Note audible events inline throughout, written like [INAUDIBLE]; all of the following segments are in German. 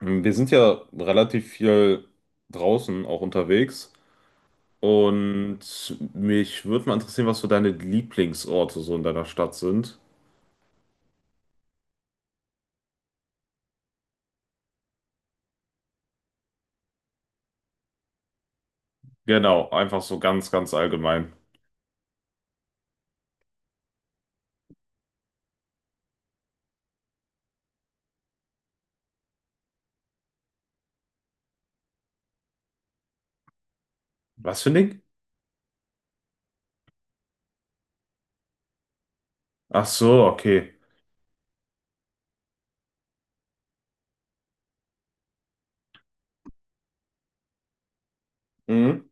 Wir sind ja relativ viel draußen auch unterwegs und mich würde mal interessieren, was so deine Lieblingsorte so in deiner Stadt sind. Genau, einfach so ganz, ganz allgemein. Was für ein Ding? Ach so, okay. Mhm.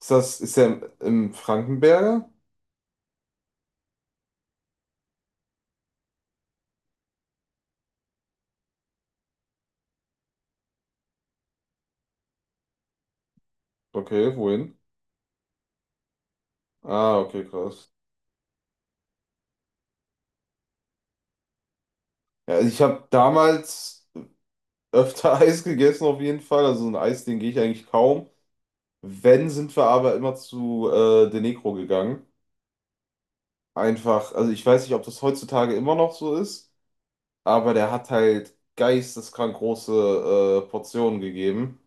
Ist das, ist der im, im Frankenberger? Okay, wohin? Ah, okay, krass. Ja, ich habe damals öfter [LAUGHS] Eis gegessen auf jeden Fall. Also so ein Eis, den gehe ich eigentlich kaum. Wenn, sind wir aber immer zu De Negro gegangen. Einfach, also ich weiß nicht, ob das heutzutage immer noch so ist, aber der hat halt geisteskrank große Portionen gegeben.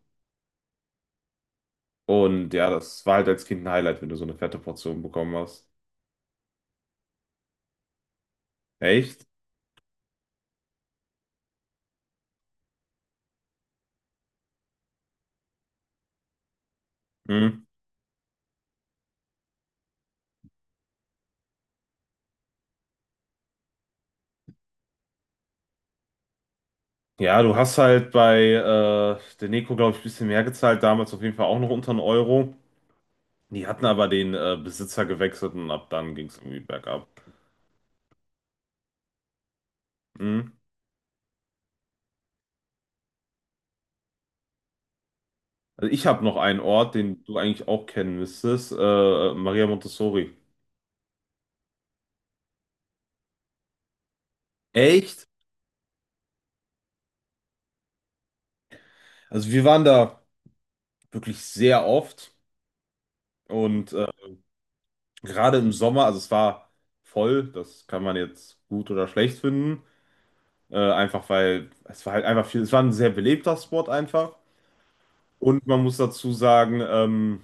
Und ja, das war halt als Kind ein Highlight, wenn du so eine fette Portion bekommen hast. Echt? Hm. Ja, du hast halt bei der Neko, glaube ich, ein bisschen mehr gezahlt, damals auf jeden Fall auch noch unter einen Euro. Die hatten aber den Besitzer gewechselt und ab dann ging es irgendwie bergab. Hm. Also ich habe noch einen Ort, den du eigentlich auch kennen müsstest, Maria Montessori. Echt? Also wir waren da wirklich sehr oft. Und gerade im Sommer, also es war voll, das kann man jetzt gut oder schlecht finden. Einfach weil es war halt einfach viel, es war ein sehr belebter Spot einfach. Und man muss dazu sagen,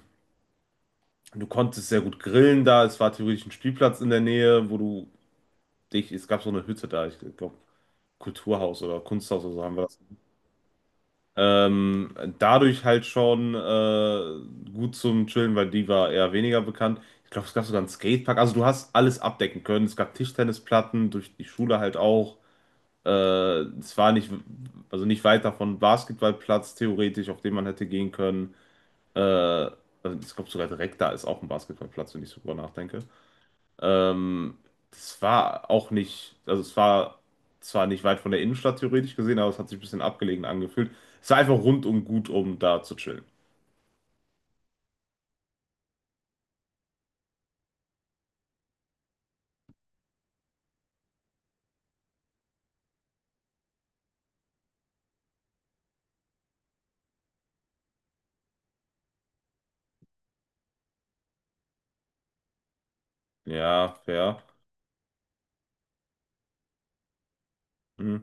du konntest sehr gut grillen da. Es war theoretisch ein Spielplatz in der Nähe, wo du dich, es gab so eine Hütte da, ich glaube, Kulturhaus oder Kunsthaus oder so haben wir das. Dadurch halt schon gut zum Chillen, weil die war eher weniger bekannt. Ich glaube, es gab sogar einen Skatepark. Also du hast alles abdecken können. Es gab Tischtennisplatten, durch die Schule halt auch. Äh, Es war nicht, also nicht weit davon Basketballplatz theoretisch, auf den man hätte gehen können. Also ich glaube sogar direkt da ist auch ein Basketballplatz, wenn ich so drüber nachdenke. Ähm, das war auch nicht, also es war zwar nicht weit von der Innenstadt theoretisch gesehen, aber es hat sich ein bisschen abgelegen angefühlt. Es war einfach rundum gut, um da zu chillen. Ja, fair. Hm.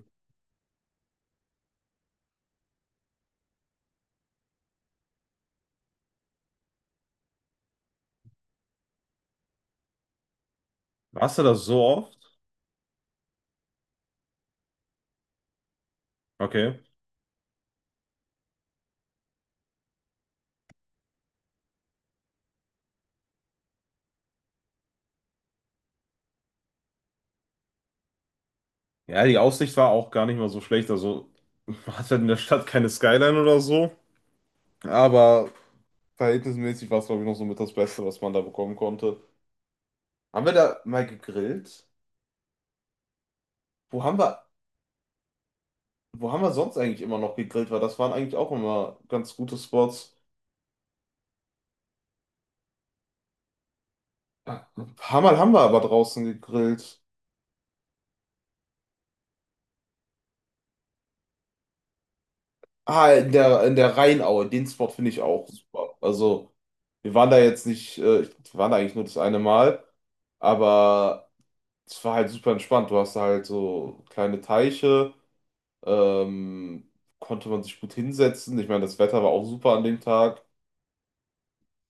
Warst du das so oft? Okay. Ja, die Aussicht war auch gar nicht mal so schlecht. Also [LAUGHS] man hat halt in der Stadt keine Skyline oder so. Aber verhältnismäßig war es, glaube ich, noch so mit das Beste, was man da bekommen konnte. Haben wir da mal gegrillt? Wo haben wir, wo haben wir sonst eigentlich immer noch gegrillt? Weil das waren eigentlich auch immer ganz gute Spots. Ein paar Mal haben wir aber draußen gegrillt. Ah, in der Rheinaue. Den Spot finde ich auch super. Also, wir waren da jetzt nicht, ich- wir waren da eigentlich nur das eine Mal, aber es war halt super entspannt. Du hast da halt so kleine Teiche, ähm, konnte man sich gut hinsetzen. Ich meine, das Wetter war auch super an dem Tag.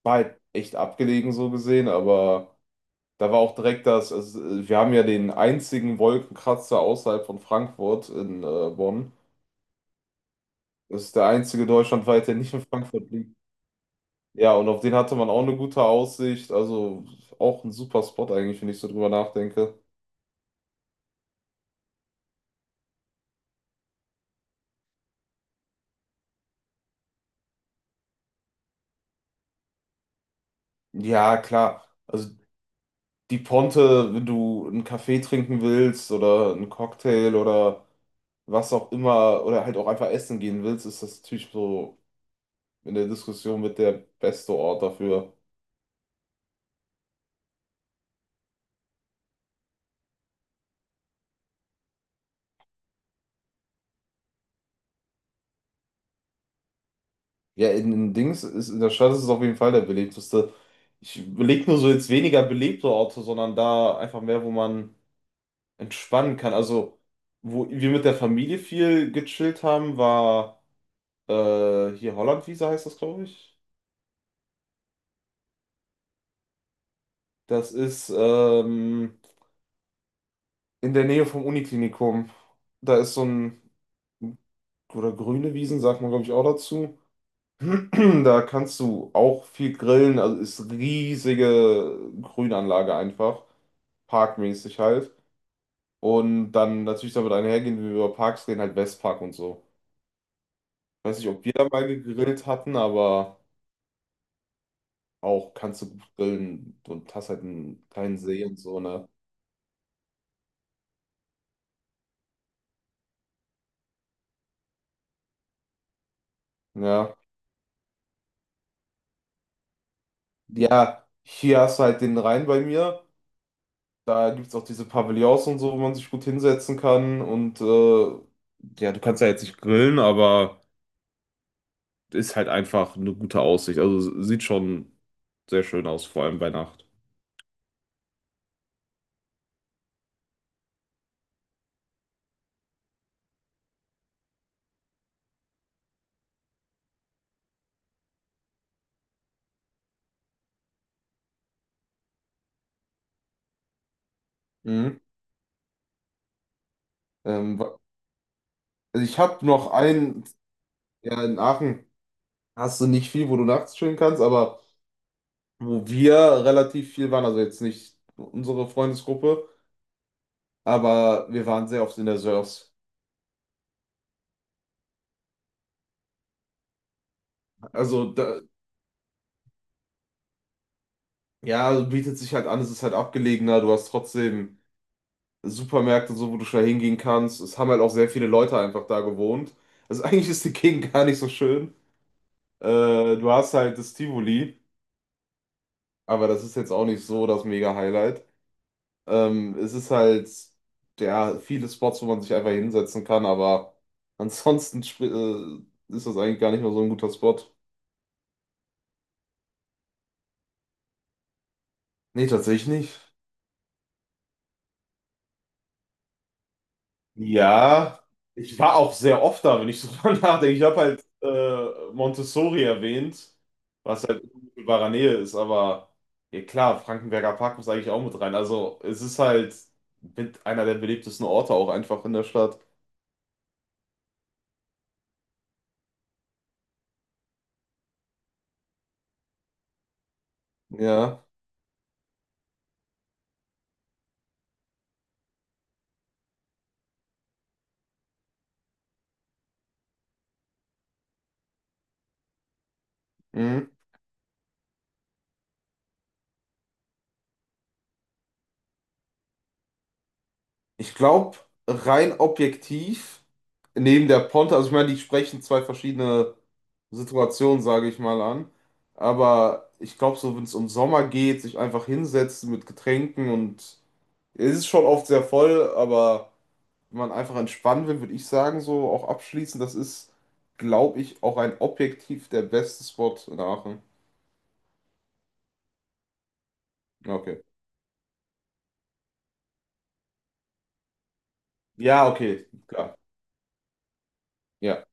War halt echt abgelegen so gesehen, aber da war auch direkt das, also, wir haben ja den einzigen Wolkenkratzer außerhalb von Frankfurt in Bonn. Das ist der einzige deutschlandweite, der nicht in Frankfurt liegt. Ja, und auf den hatte man auch eine gute Aussicht. Also auch ein super Spot eigentlich, wenn ich so drüber nachdenke. Ja, klar. Also die Ponte, wenn du einen Kaffee trinken willst oder einen Cocktail oder was auch immer oder halt auch einfach essen gehen willst, ist das natürlich so in der Diskussion mit der beste Ort dafür. Ja, in Dings ist in der Stadt ist es auf jeden Fall der belebteste. Ich beleg nur so jetzt weniger belebte Orte, sondern da einfach mehr, wo man entspannen kann. Also, wo wir mit der Familie viel gechillt haben, war hier Hollandwiese heißt das, glaube ich. Das ist in der Nähe vom Uniklinikum. Da ist so ein, oder grüne Wiesen, sagt man, glaube ich, auch dazu. [CLEARS THROAT] Da kannst du auch viel grillen. Also ist riesige Grünanlage einfach. Parkmäßig halt. Und dann natürlich damit einhergehen, wie wir über Parks reden, halt Westpark und so. Ich weiß nicht, ob wir da mal gegrillt hatten, aber auch kannst du gut grillen und hast halt einen kleinen See und so, ne? Ja. Ja, hier hast du halt den Rhein bei mir. Da gibt es auch diese Pavillons und so, wo man sich gut hinsetzen kann. Und ja, du kannst ja jetzt nicht grillen, aber ist halt einfach eine gute Aussicht. Also sieht schon sehr schön aus, vor allem bei Nacht. Mhm. Ähm, wa- also ich habe noch einen, ja, in Aachen hast du nicht viel, wo du nachts chillen kannst, aber wo wir relativ viel waren, also jetzt nicht unsere Freundesgruppe, aber wir waren sehr oft in der Sörs. Also, da, ja, bietet sich halt an, es ist halt abgelegener, du hast trotzdem Supermärkte, und so wo du schnell hingehen kannst. Es haben halt auch sehr viele Leute einfach da gewohnt. Also, [LAUGHS] eigentlich ist die Gegend gar nicht so schön. Äh, Du hast halt das Tivoli, aber das ist jetzt auch nicht so das Mega-Highlight. Es ist halt, ja, viele Spots, wo man sich einfach hinsetzen kann, aber ansonsten spri- ist das eigentlich gar nicht mehr so ein guter Spot. Nee, tatsächlich nicht. Ja, ich war auch sehr oft da, wenn ich so [LAUGHS] dran nachdenke. Ich habe halt Montessori erwähnt, was halt in unmittelbarer Nähe ist, aber ja klar, Frankenberger Park muss eigentlich auch mit rein. Also es ist halt mit einer der beliebtesten Orte auch einfach in der Stadt. Ja. Mhm. Ich glaube, rein objektiv, neben der Ponte, also ich meine, die sprechen zwei verschiedene Situationen, sage ich mal an. Aber ich glaube, so wenn es um Sommer geht, sich einfach hinsetzen mit Getränken und es ist schon oft sehr voll, aber wenn man einfach entspannen will, würde ich sagen, so auch abschließen, das ist, glaube ich, auch ein objektiv der beste Spot in Aachen. Ja, okay. Ja, okay, klar. Ja.